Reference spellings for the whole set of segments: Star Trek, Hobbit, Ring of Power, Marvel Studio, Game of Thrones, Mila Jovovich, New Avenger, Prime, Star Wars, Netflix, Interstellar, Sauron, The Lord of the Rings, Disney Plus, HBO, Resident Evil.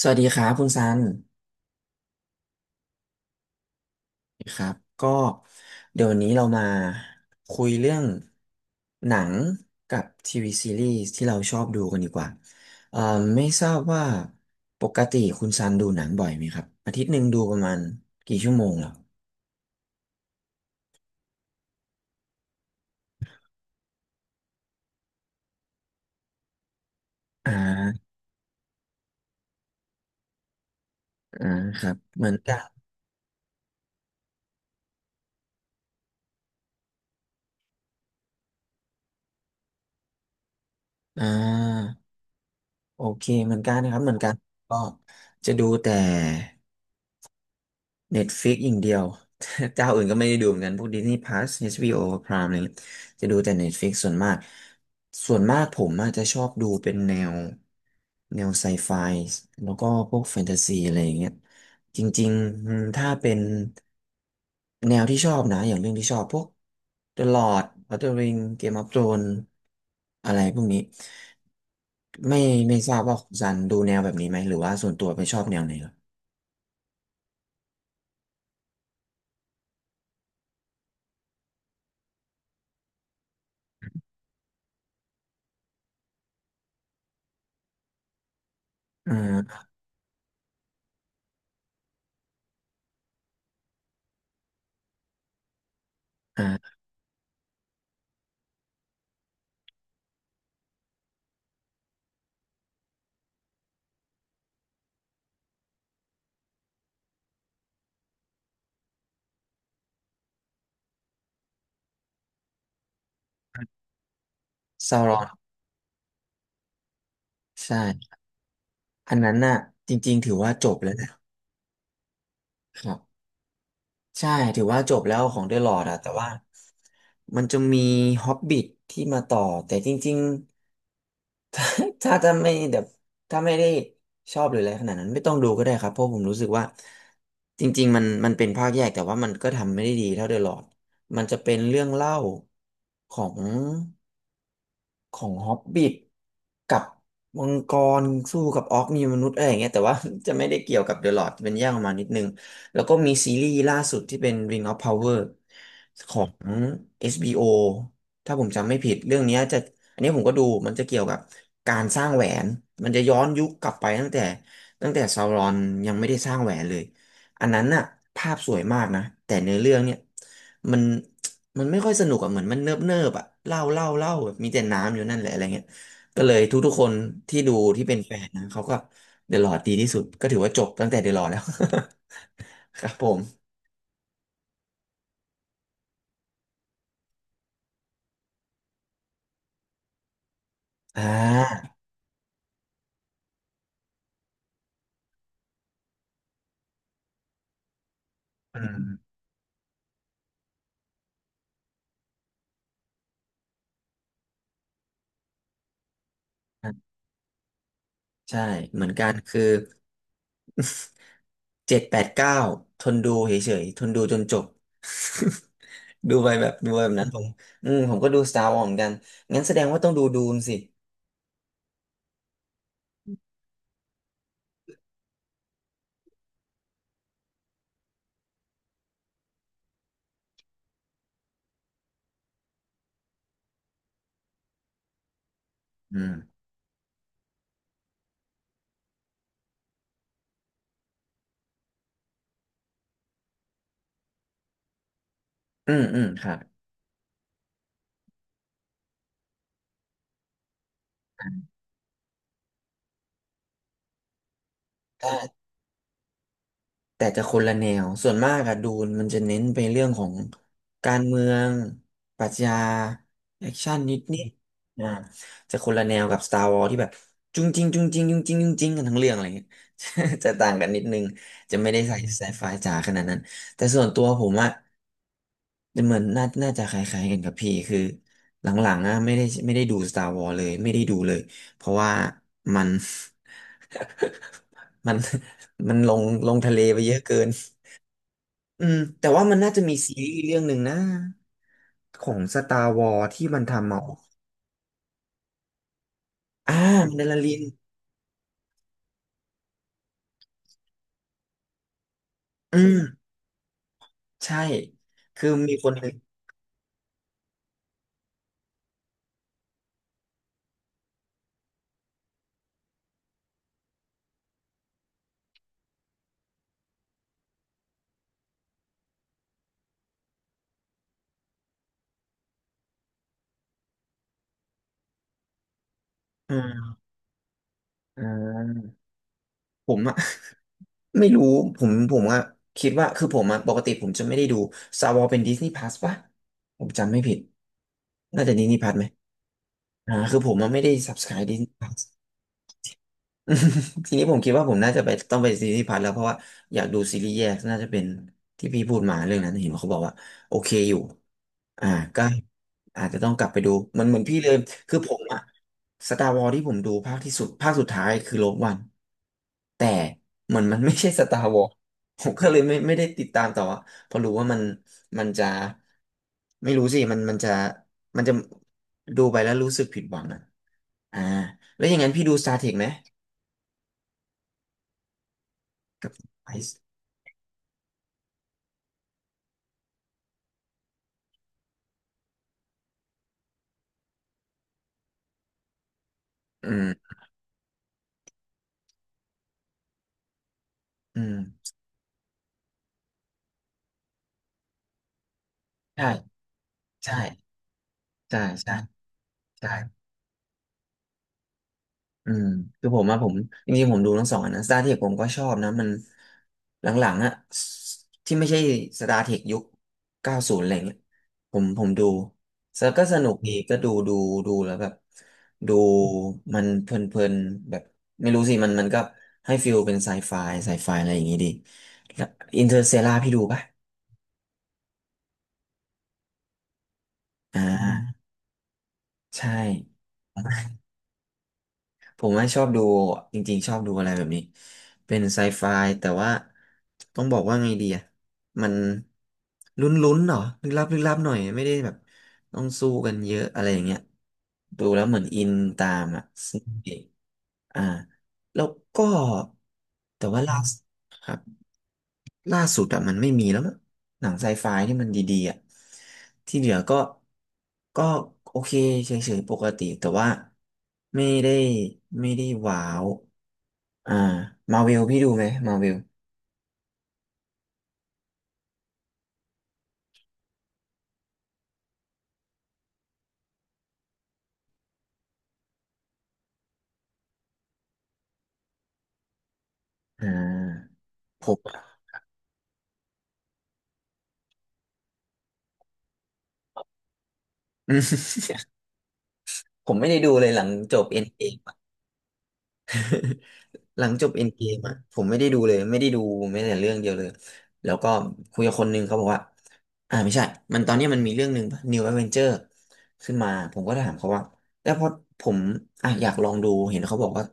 สวัสดีครับคุณซันสวครับก็เดี๋ยววันนี้เรามาคุยเรื่องหนังกับทีวีซีรีส์ที่เราชอบดูกันดีกว่าเอ่อไม่ทราบว่าปกติคุณซันดูหนังบ่อยไหมครับอาทิตย์หนึ่งดูประมาณกี่ชั่วโมงเหรออ่าอ่าครับเหมือนกันอ่าโอเคเหมือนกันนะครับเหมือนกันก็จะดูแต่ เน็ตฟิกอย่างเดียว เจ้าอื่นก็ไม่ได้ดูเหมือนกันพวก Disney Plus HBO Prime อะไรเงี้ยจะดูแต่ Netflix ส่วนมากส่วนมากผมอาจจะชอบดูเป็นแนวแนวไซไฟแล้วก็พวกแฟนตาซีอะไรอย่างเงี้ยจริงๆถ้าเป็นแนวที่ชอบนะอย่างเรื่องที่ชอบพวก The Lord l o f the Ring Game of Thrones อะไรพวกนี้ไม่ไม่ทราบว่าคุณซันดูแนวแบบนี้ไหมหรือว่าส่วนตัวไปชอบแนวไหนเหรออ่าอ่าซารอน ใช่อันนั้นน่ะจริงๆถือว่าจบแล้วนะครับใช่ถือว่าจบแล้วของเดอะลอร์ดอะแต่ว่ามันจะมีฮอบบิทที่มาต่อแต่จริงๆ ถ้าจะไม่แบบถ้าไม่ได้ชอบหรืออะไรขนาดนั้นไม่ต้องดูก็ได้ครับเพราะผมรู้สึกว่าจริงๆมันเป็นภาคแยกแต่ว่ามันก็ทำไม่ได้ดีเท่าเดอะลอร์ดมันจะเป็นเรื่องเล่าของ ฮอบบิทกับมังกรสู้กับออกมีมนุษย์อะไรอย่างเงี้ยแต่ว่า จะไม่ได้เกี่ยวกับเดอะลอรดเป็นแยกออกมานิดนึงแล้วก็มีซีรีส์ล่าสุดที่เป็น Ring of Power ของ HBO ถ้าผมจำไม่ผิดเรื่องเนี้ยจะอันนี้ผมก็ดูมันจะเกี่ยวกับการสร้างแหวนมันจะย้อนยุคกลับไปตั้งแต่ซาวรอนยังไม่ได้สร้างแหวนเลยอันนั้นน่ะภาพสวยมากนะแต่เนื้อเรื่องเนี่ยมัน ไม่ค่อยสนุกอ่ะเหมือนมันเนิบอ่ะเล่าแบบมีแต่น้ำอยู่นั่นแหละอะไรเงี้ยก็เลยทุกๆคนที่ดูที่เป็นแฟนนะเขาก็เดอะลอร์ดดีที่สุดก็ถือว่าจบตั้งแต่เดอะลอร์ดแล้ว ครับผมอ่าอืมอืมใช่เหมือนกันคือเจ็ดแปดเก้าทนดูเฉยๆทนดูจนจบ ดูไปแบบดูไปแบบนั้นผมอืมผมก็ดู Star Wars เหมือนกันงั้นแสดงว่าต้องดูดูนสิอืมอืมครับได้ แต่จะคนละแนวส่วนมากอะดูนมันจะเน้นไปเรื่องของการเมืองปรัชญาแอคชั่นนิดอ่าจะคนละแนวกับ Star Wars ที่แบบจุงจริงจุงจริงจุงจริงจุงจริงกันทั้งเรื่องอะไรเงี้ย จะต่างกันนิดนึงจะไม่ได้ใส่ไซไฟจ๋าขนาดนั้น แต่ส่วนตัวผมอะเหมือนน่าจะคล้ายๆกันกับพี่คือหลังๆอะไม่ได้ดู Star Wars เลยไม่ได้ดูเลยเพราะว่ามัน มันมันลงลงทะเลไปเยอะเกิน อืมแต่ว่ามันน่าจะมีซีรีส์เรื่องหนึ่งนะของสตาร์วอ s ที่มันทำมาอ่ามันดารินอืมใช่คือมีคนหนึ่งอืมอ่าผมอะ ไม่รู้ผมอะคิดว่าคือผมอะปกติผมจะไม่ได้ดูสตาร์วอ s เป็นดิสนีย์พ u s สป่ะผมจำไม่ผิดน่าจะดิสนีย์พ u s ไหมอ่าคือผมอะไม่ได้ subscribe ดิสนีย์พ u s ทีนี้ผมคิดว่าผมน่าจะไปต้องไปซีรีส์พัทแล้วเพราะว่าอยากดูซีรีส์แยกน่าจะเป็นที่พี่พูดมาเรื่องนั้นเห็นเขาบอกว่าโอเคอยู่อ่าก็อาจจะต้องกลับไปดูมันเหมือนพี่เลยคือผมอะสตาร์วอ s ที่ผมดูภาคที่สุดภาคสุดท้ายคือโลกวันแต่เหมือนมันไม่ใช่สตาร์วอ s ผมก็เลยไม่ได้ติดตามต่ออะเพราะรู้ว่ามันมันจะไม่รู้สิมันจะดูไปแล้วรู้สึกผิดหวังอะอ่าแล้วอย่างนั้นพี่ดู Star Trek ไหม กับไอซ์อืมอืม ใช่ ใช่ ใช่ ใช่ ใช่ อืมคือผมจริงๆผมดูทั้งสองอันนะสตาร์เทคผมก็ชอบนะ มันหลังๆอะสที่ไม่ใช่สตาร์เทคยุคเก้าศูนย์อะไรเงี้ยผมดูแล้วก็สนุกดี ก็ดูดูแล้วแบบดูมันเพลินๆแบบไม่รู้สิมันมันก็ให้ฟิลเป็นไซไฟไซไฟอะไรอย่างงี้ดีแล้วอินเตอร์เซลาพี่ดูปะอ่า ใช่ ผมว่าชอบดูจริงๆชอบดูอะไรแบบนี้เป็นไซไฟแต่ว่าต้องบอกว่าไงดีอ่ะมันลุ้นๆเหรอลึกลับลึกลับหน่อยไม่ได้แบบต้องสู้กันเยอะอะไรอย่างเงี้ยดูแล้วเหมือนอินตามอ่ะซึ่งอ่าแล้วก็แต่ว่าล่าสุดครับ ล่าสุดอะมันไม่มีแล้วมั้งหนังไซไฟที่มันดีๆอะที่เหลือก็ก็โอเคเฉยๆปกติแต่ว่าไม่ได้ไม่ได้ว้าว อ่ามาวิลพี่ดูไหมมาวิลอ่าผมอะ ผมไม่ได้ดูเลยหลังจบเอ็นเกมอ่ะผมไม่ได้ดูเลยไม่ได้ดูแม้แต่เรื่องเดียวเลยแล้วก็คุยกับคนหนึงเขาบอกว่าอ่าไม่ใช่มันตอนเนี้ยมันมีเรื่องหนึ่งป่ะ New Avenger ขึ้นมาผมก็ถามเขาว่าแล้วพอผมอ่ะอยากลองดูเห็นเขาบอกว่า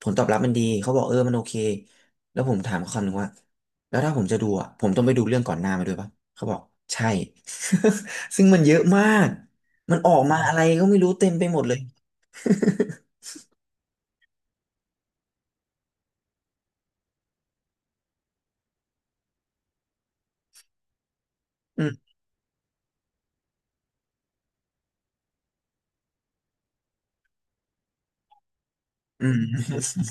ผลตอบรับมันดีเขาบอกเออมันโอเคแล้วผมถามเขาคำหนึ่งว่าแล้วถ้าผมจะดูอ่ะผมต้องไปดูเรื่องก่อนหน้ามาด้วยปะเขาบอกใช่ ซึ่งมันเยอะมากมันออกมาอะไรก็ไม่รู้เต็มไปหมดเลย อืมอืม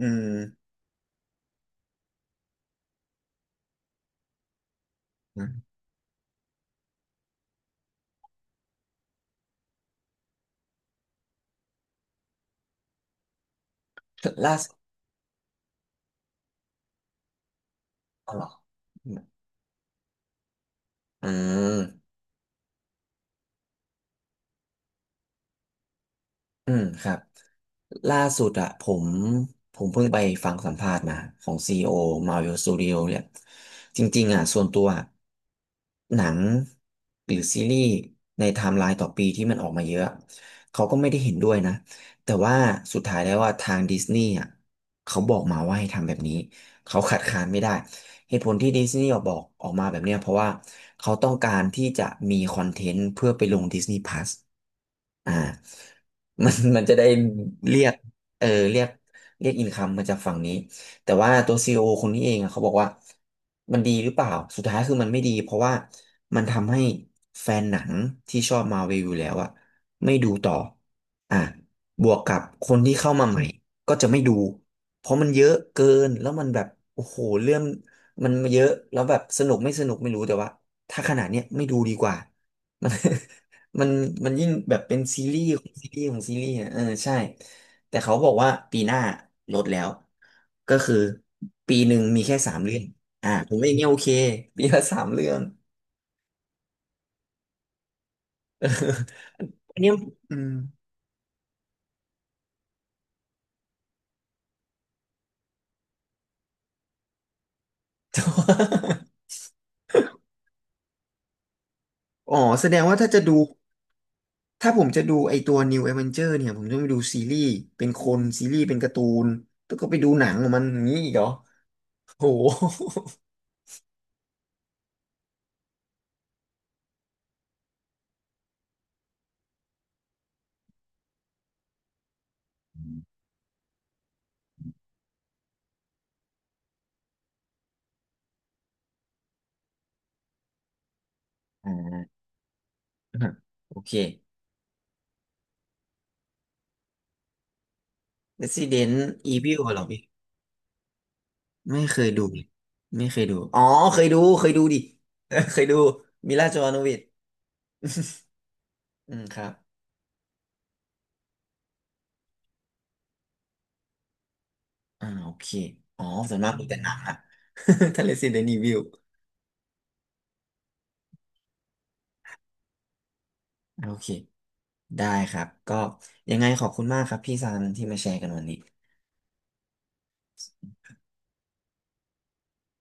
อืมอืมล่าสุดอ๋อเหรออืมอืมครับ ล่าสุดอะผมเพิ่งไปฟังสัมภาษณ์มาของซีโอมาวิ s สตูดิโอ Marvel Studio เนี่ยจริงๆอะส่วนตัวอะหนังหรือซีรีส์ในไทม์ไลน์ต่อปีที่มันออกมาเยอะเขาก็ไม่ได้เห็นด้วยนะแต่ว่าสุดท้ายแล้วว่าทางดิสนีย์อะเขาบอกมาว่าให้ทำแบบนี้เขาขัดขานไม่ได้เหตุผลที่ดิสนีย์ออกบอกออกมาแบบเนี้ยเพราะว่าเขาต้องการที่จะมีคอนเทนต์เพื่อไปลง Disney Plus อ่า มัน มันจะได้เรียกเออเรียกเรียกอินคัมมาจากฝั่งนี้แต่ว่าตัวซีอโอคนนี้เองอะเขาบอกว่ามันดีหรือเปล่าสุดท้ายคือมันไม่ดีเพราะว่ามันทำให้แฟนหนังที่ชอบมาเวลอยู่แล้วอะไม่ดูต่ออ่ะบวกกับคนที่เข้ามาใหม่ก็จะไม่ดูเพราะมันเยอะเกินแล้วมันแบบโอ้โหเรื่องมันเยอะแล้วแบบสนุกไม่สนุกไม่รู้แต่ว่าถ้าขนาดเนี้ยไม่ดูดีกว่า มัน มันมันยิ่งแบบเป็นซีรีส์ของซีรีส์ของซีรีส์อ่ะเออใช่แต่เขาบอกว่าปีหน้าลดแล้วก็คือปีหนึ่งมีแค่สามเรื่องอ่าผมว่าอย่างเงี้ยโอเคปีละสามเรื่องเอออันเนี้ยอืม แต่ว่าอ๋อแสดงว่าถ้าจะดูถ้าผมจะดูไอตัว New Avenger เนี่ยผมต้องไปดูซีรีส์เป็นคนซีรีส์เป็นการ์ตูนแล้วก็ไปดูหนังของมันอย่างนี้อีกเหรอโหอ่า โอเค Resident Evil เหรอพี่ ไม่เคยดูไม่เคยดู อ๋อเคยดู เคยดูดิ เออเคยดูมิลาโจโนวิชอืมครับอ่าโอเคอ๋อส่วนมากดูแต่หนังอะ ทะเลซีเดนีวิว โอเค ได้ครับ ก็ยังไงขอบคุณมากครับพี่ซันที่มาแชร์กันวันนี้